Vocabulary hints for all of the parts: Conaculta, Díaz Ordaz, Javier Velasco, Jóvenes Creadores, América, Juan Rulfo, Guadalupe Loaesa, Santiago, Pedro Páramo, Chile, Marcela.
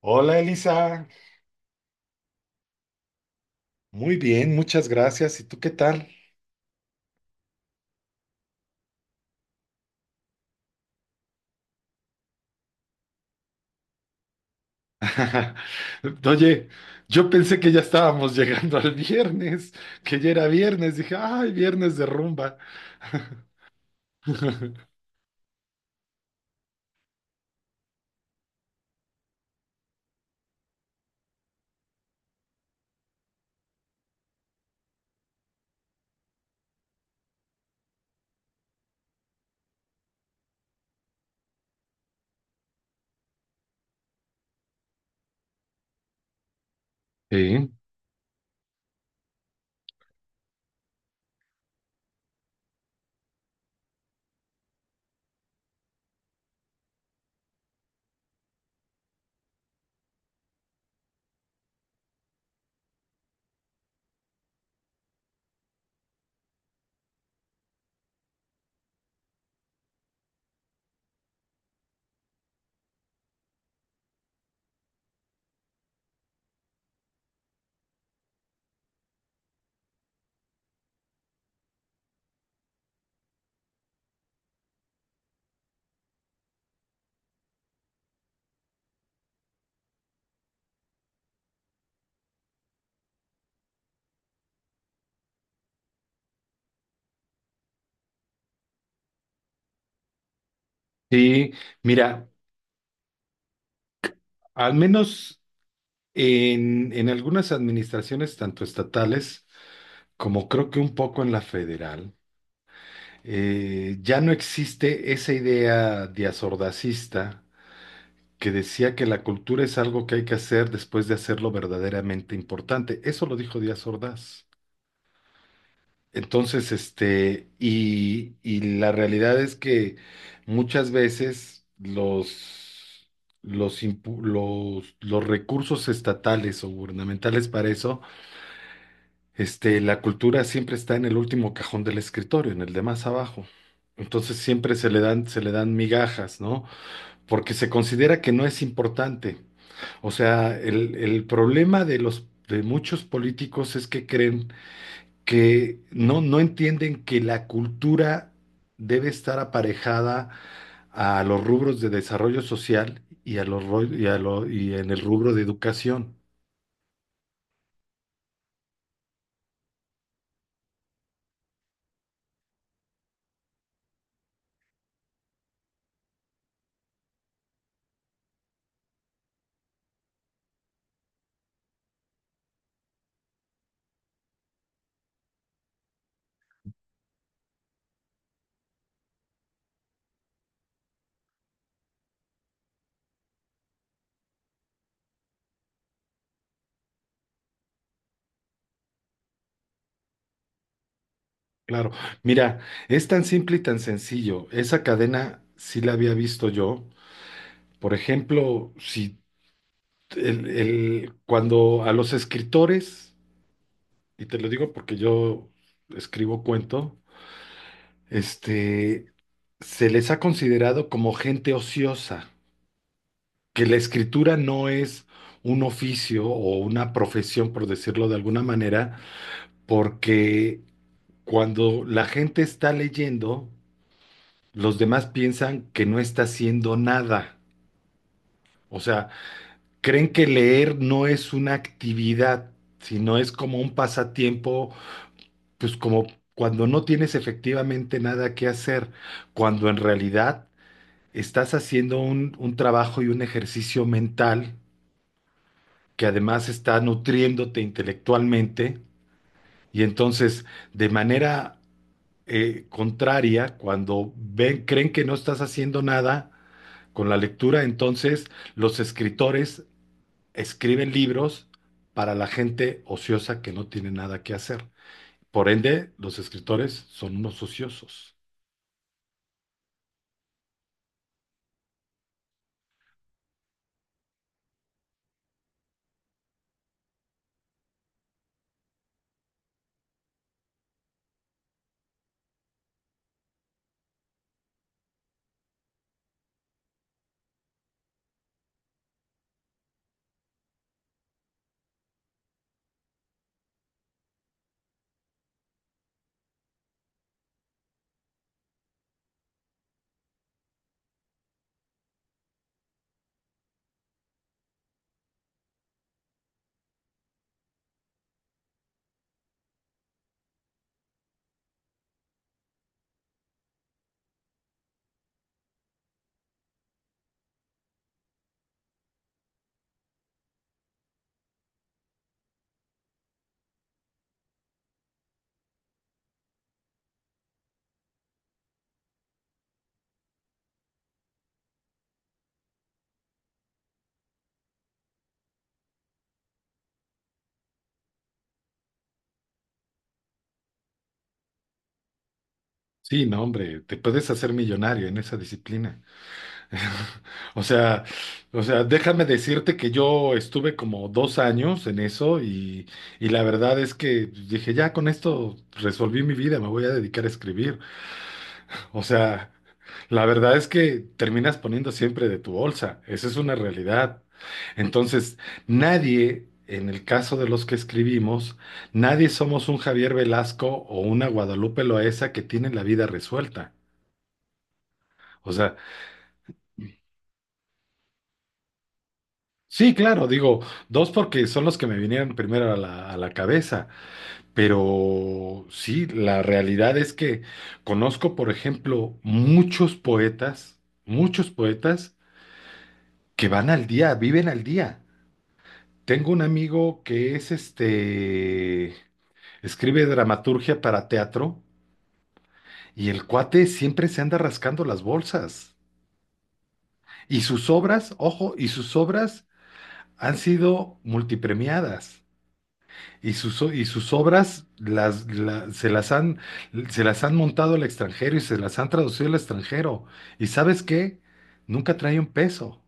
Hola Elisa, muy bien, muchas gracias. ¿Y tú qué tal? Oye, yo pensé que ya estábamos llegando al viernes, que ya era viernes. Dije, ay, viernes de rumba. Sí, sí, mira, al menos en algunas administraciones, tanto estatales como creo que un poco en la federal, ya no existe esa idea de asordacista que decía que la cultura es algo que hay que hacer después de hacerlo verdaderamente importante. Eso lo dijo Díaz Ordaz. Entonces, este, y la realidad es que muchas veces los recursos estatales o gubernamentales para eso, este, la cultura siempre está en el último cajón del escritorio, en el de más abajo. Entonces siempre se le dan migajas, ¿no? Porque se considera que no es importante. O sea, el problema de los de muchos políticos es que creen que no, no entienden que la cultura debe estar aparejada a los rubros de desarrollo social y a los ro- y a lo- y en el rubro de educación. Claro, mira, es tan simple y tan sencillo. Esa cadena sí la había visto yo. Por ejemplo, si cuando a los escritores, y te lo digo porque yo escribo cuento, este, se les ha considerado como gente ociosa, que la escritura no es un oficio o una profesión, por decirlo de alguna manera, porque cuando la gente está leyendo, los demás piensan que no está haciendo nada. O sea, creen que leer no es una actividad, sino es como un pasatiempo, pues como cuando no tienes efectivamente nada que hacer, cuando en realidad estás haciendo un trabajo y un ejercicio mental que además está nutriéndote intelectualmente y entonces de manera contraria, cuando ven, creen que no estás haciendo nada con la lectura, entonces los escritores escriben libros para la gente ociosa que no tiene nada que hacer. Por ende, los escritores son unos ociosos. Sí, no, hombre, te puedes hacer millonario en esa disciplina. O sea, Déjame decirte que yo estuve como dos años en eso y la verdad es que dije, ya con esto resolví mi vida, me voy a dedicar a escribir. O sea, la verdad es que terminas poniendo siempre de tu bolsa, esa es una realidad. Entonces, nadie, en el caso de los que escribimos, nadie somos un Javier Velasco o una Guadalupe Loaesa que tienen la vida resuelta. O sea, sí, claro, digo, dos porque son los que me vinieron primero a la cabeza, pero sí, la realidad es que conozco, por ejemplo, muchos poetas que van al día, viven al día. Tengo un amigo que es este, escribe dramaturgia para teatro y el cuate siempre se anda rascando las bolsas. Y sus obras, ojo, y sus obras han sido multipremiadas. Y sus, se las han montado al extranjero y se las han traducido al extranjero. ¿Y sabes qué? Nunca trae un peso.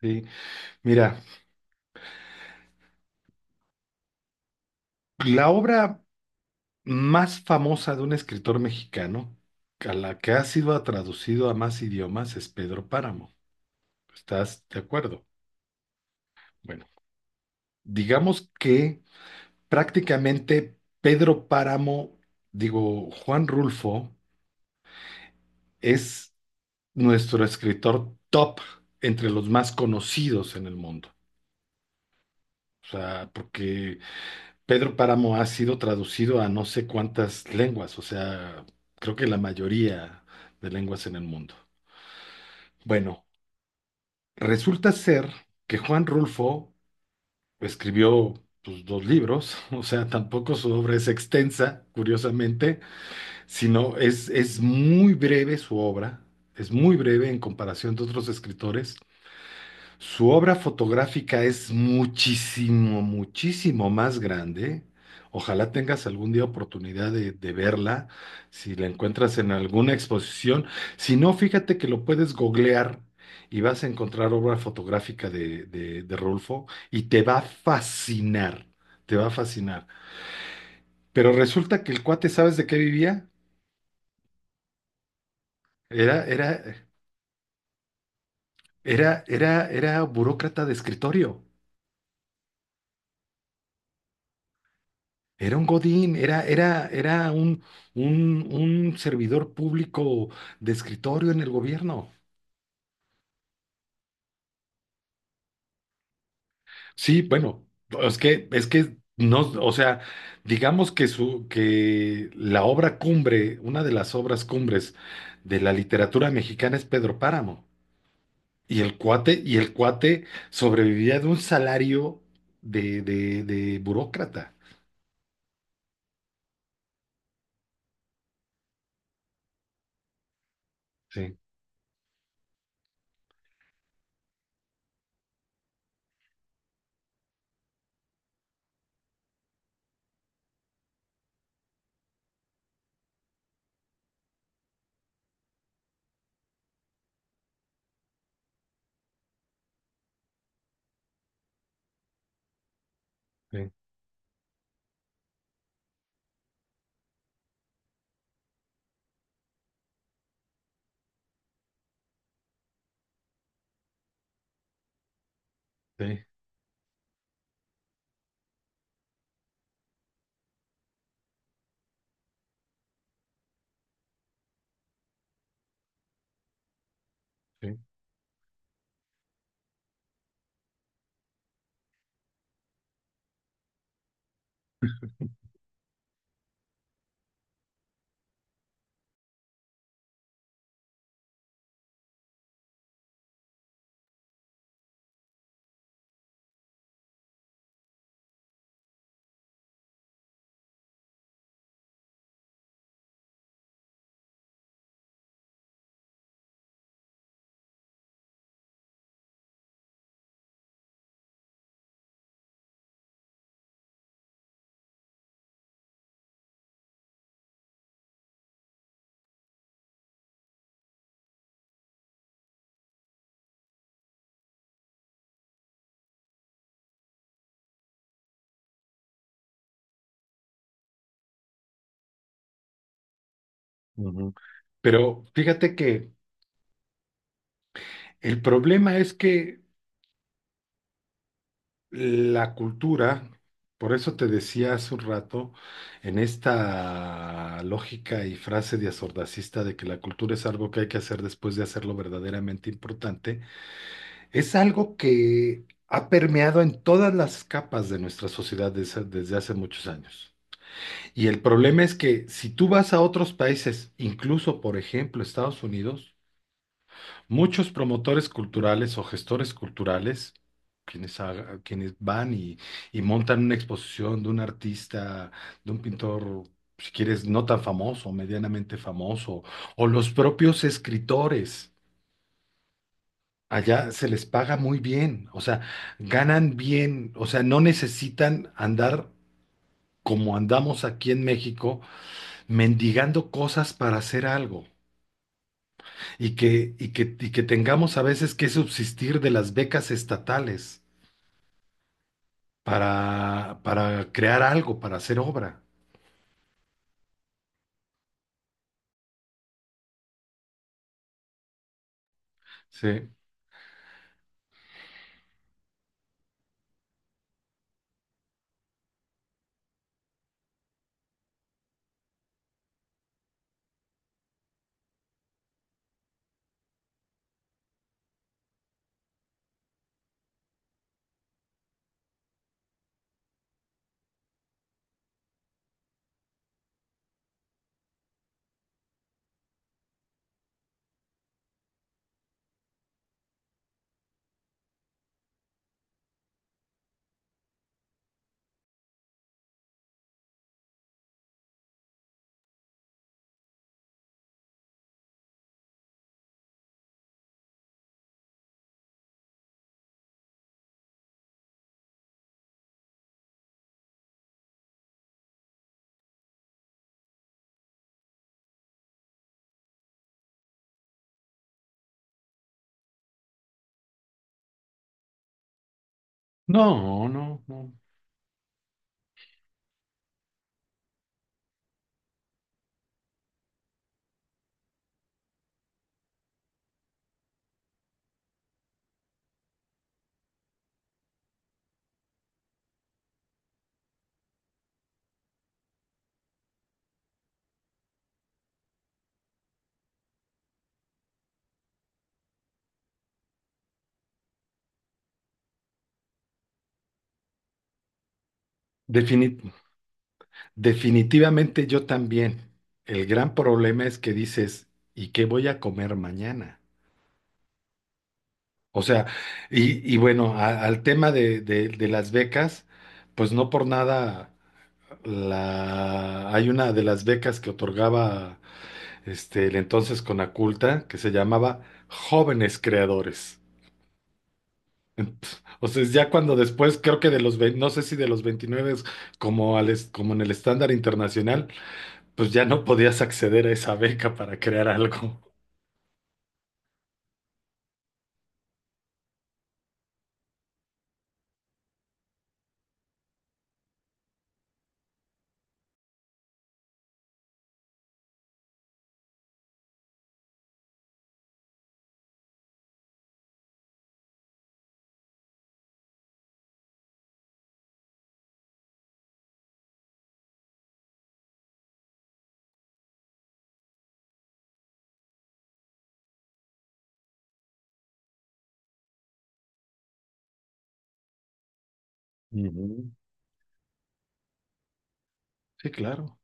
¿Sí? Mira, la obra más famosa de un escritor mexicano, a la que ha sido traducido a más idiomas, es Pedro Páramo. ¿Estás de acuerdo? Bueno, digamos que prácticamente Pedro Páramo, digo, Juan Rulfo, es nuestro escritor top entre los más conocidos en el mundo. O sea, porque Pedro Páramo ha sido traducido a no sé cuántas lenguas, o sea, creo que la mayoría de lenguas en el mundo. Bueno, resulta ser que Juan Rulfo escribió pues, dos libros, o sea, tampoco su obra es extensa, curiosamente, sino es muy breve su obra, es muy breve en comparación de otros escritores. Su obra fotográfica es muchísimo, muchísimo más grande. Ojalá tengas algún día oportunidad de verla, si la encuentras en alguna exposición. Si no, fíjate que lo puedes googlear y vas a encontrar obra fotográfica de Rulfo y te va a fascinar, te va a fascinar. Pero resulta que el cuate, ¿sabes de qué vivía? Era, era, Era burócrata de escritorio. Era un godín, era un servidor público de escritorio en el gobierno. Sí, bueno, es que no, o sea, digamos que su, que la obra cumbre, una de las obras cumbres de la literatura mexicana es Pedro Páramo. Y el cuate sobrevivía de un salario de burócrata. Sí, sí, sí, sí. Ujú. Pero fíjate que el problema es que la cultura, por eso te decía hace un rato, en esta lógica y frase de asordacista de que la cultura es algo que hay que hacer después de hacerlo verdaderamente importante, es algo que ha permeado en todas las capas de nuestra sociedad desde hace muchos años. Y el problema es que si tú vas a otros países, incluso por ejemplo Estados Unidos, muchos promotores culturales o gestores culturales, quienes van y montan una exposición de un artista, de un pintor, si quieres, no tan famoso, medianamente famoso, o los propios escritores, allá se les paga muy bien, o sea, ganan bien, o sea, no necesitan andar como andamos aquí en México, mendigando cosas para hacer algo y que tengamos a veces que subsistir de las becas estatales, para crear algo, para hacer obra. Sí. No, no, no. Defini- Definitivamente yo también. El gran problema es que dices, ¿y qué voy a comer mañana? O sea, y bueno, al tema de las becas, pues no por nada la, hay una de las becas que otorgaba este, el entonces Conaculta que se llamaba Jóvenes Creadores. O sea, es ya cuando después, creo que de los, no sé si de los 29, como, como en el estándar internacional, pues ya no podías acceder a esa beca para crear algo. Ujú. Sí, claro.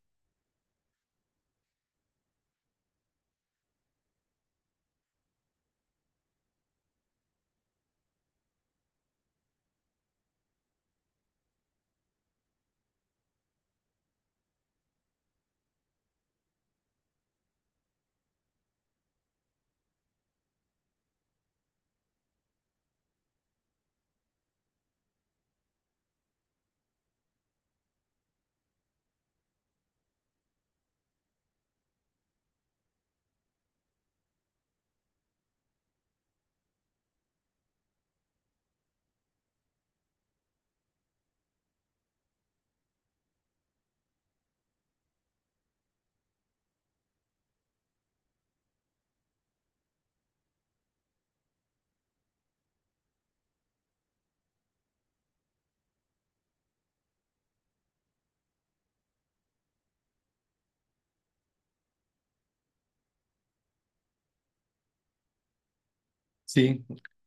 Sí,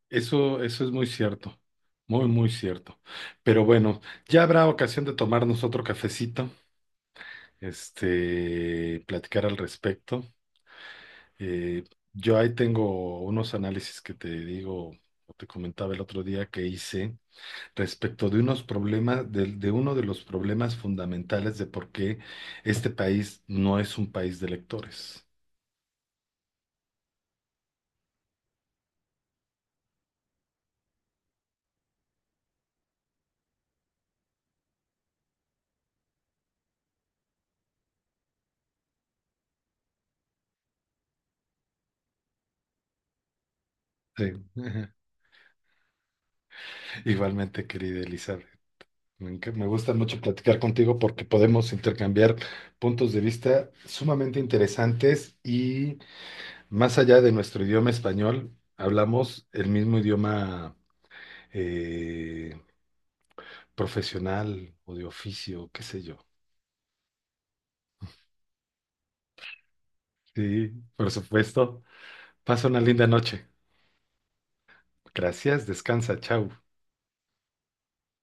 eso es muy cierto. Muy, muy cierto. Pero bueno, ya habrá ocasión de tomarnos otro cafecito, este, platicar al respecto. Eh, yo ahí tengo unos análisis que te digo, o te comentaba el otro día que hice, respecto de unos problemas, de uno de los problemas fundamentales de por qué este país no es un país de lectores. Sí. Igualmente, querida Elizabeth. Me gusta mucho platicar contigo porque podemos intercambiar puntos de vista sumamente interesantes y más allá de nuestro idioma español, hablamos el mismo idioma eh, profesional o de oficio, qué sé yo. Sí, por supuesto. Pasa una linda noche. Gracias, descansa, chao.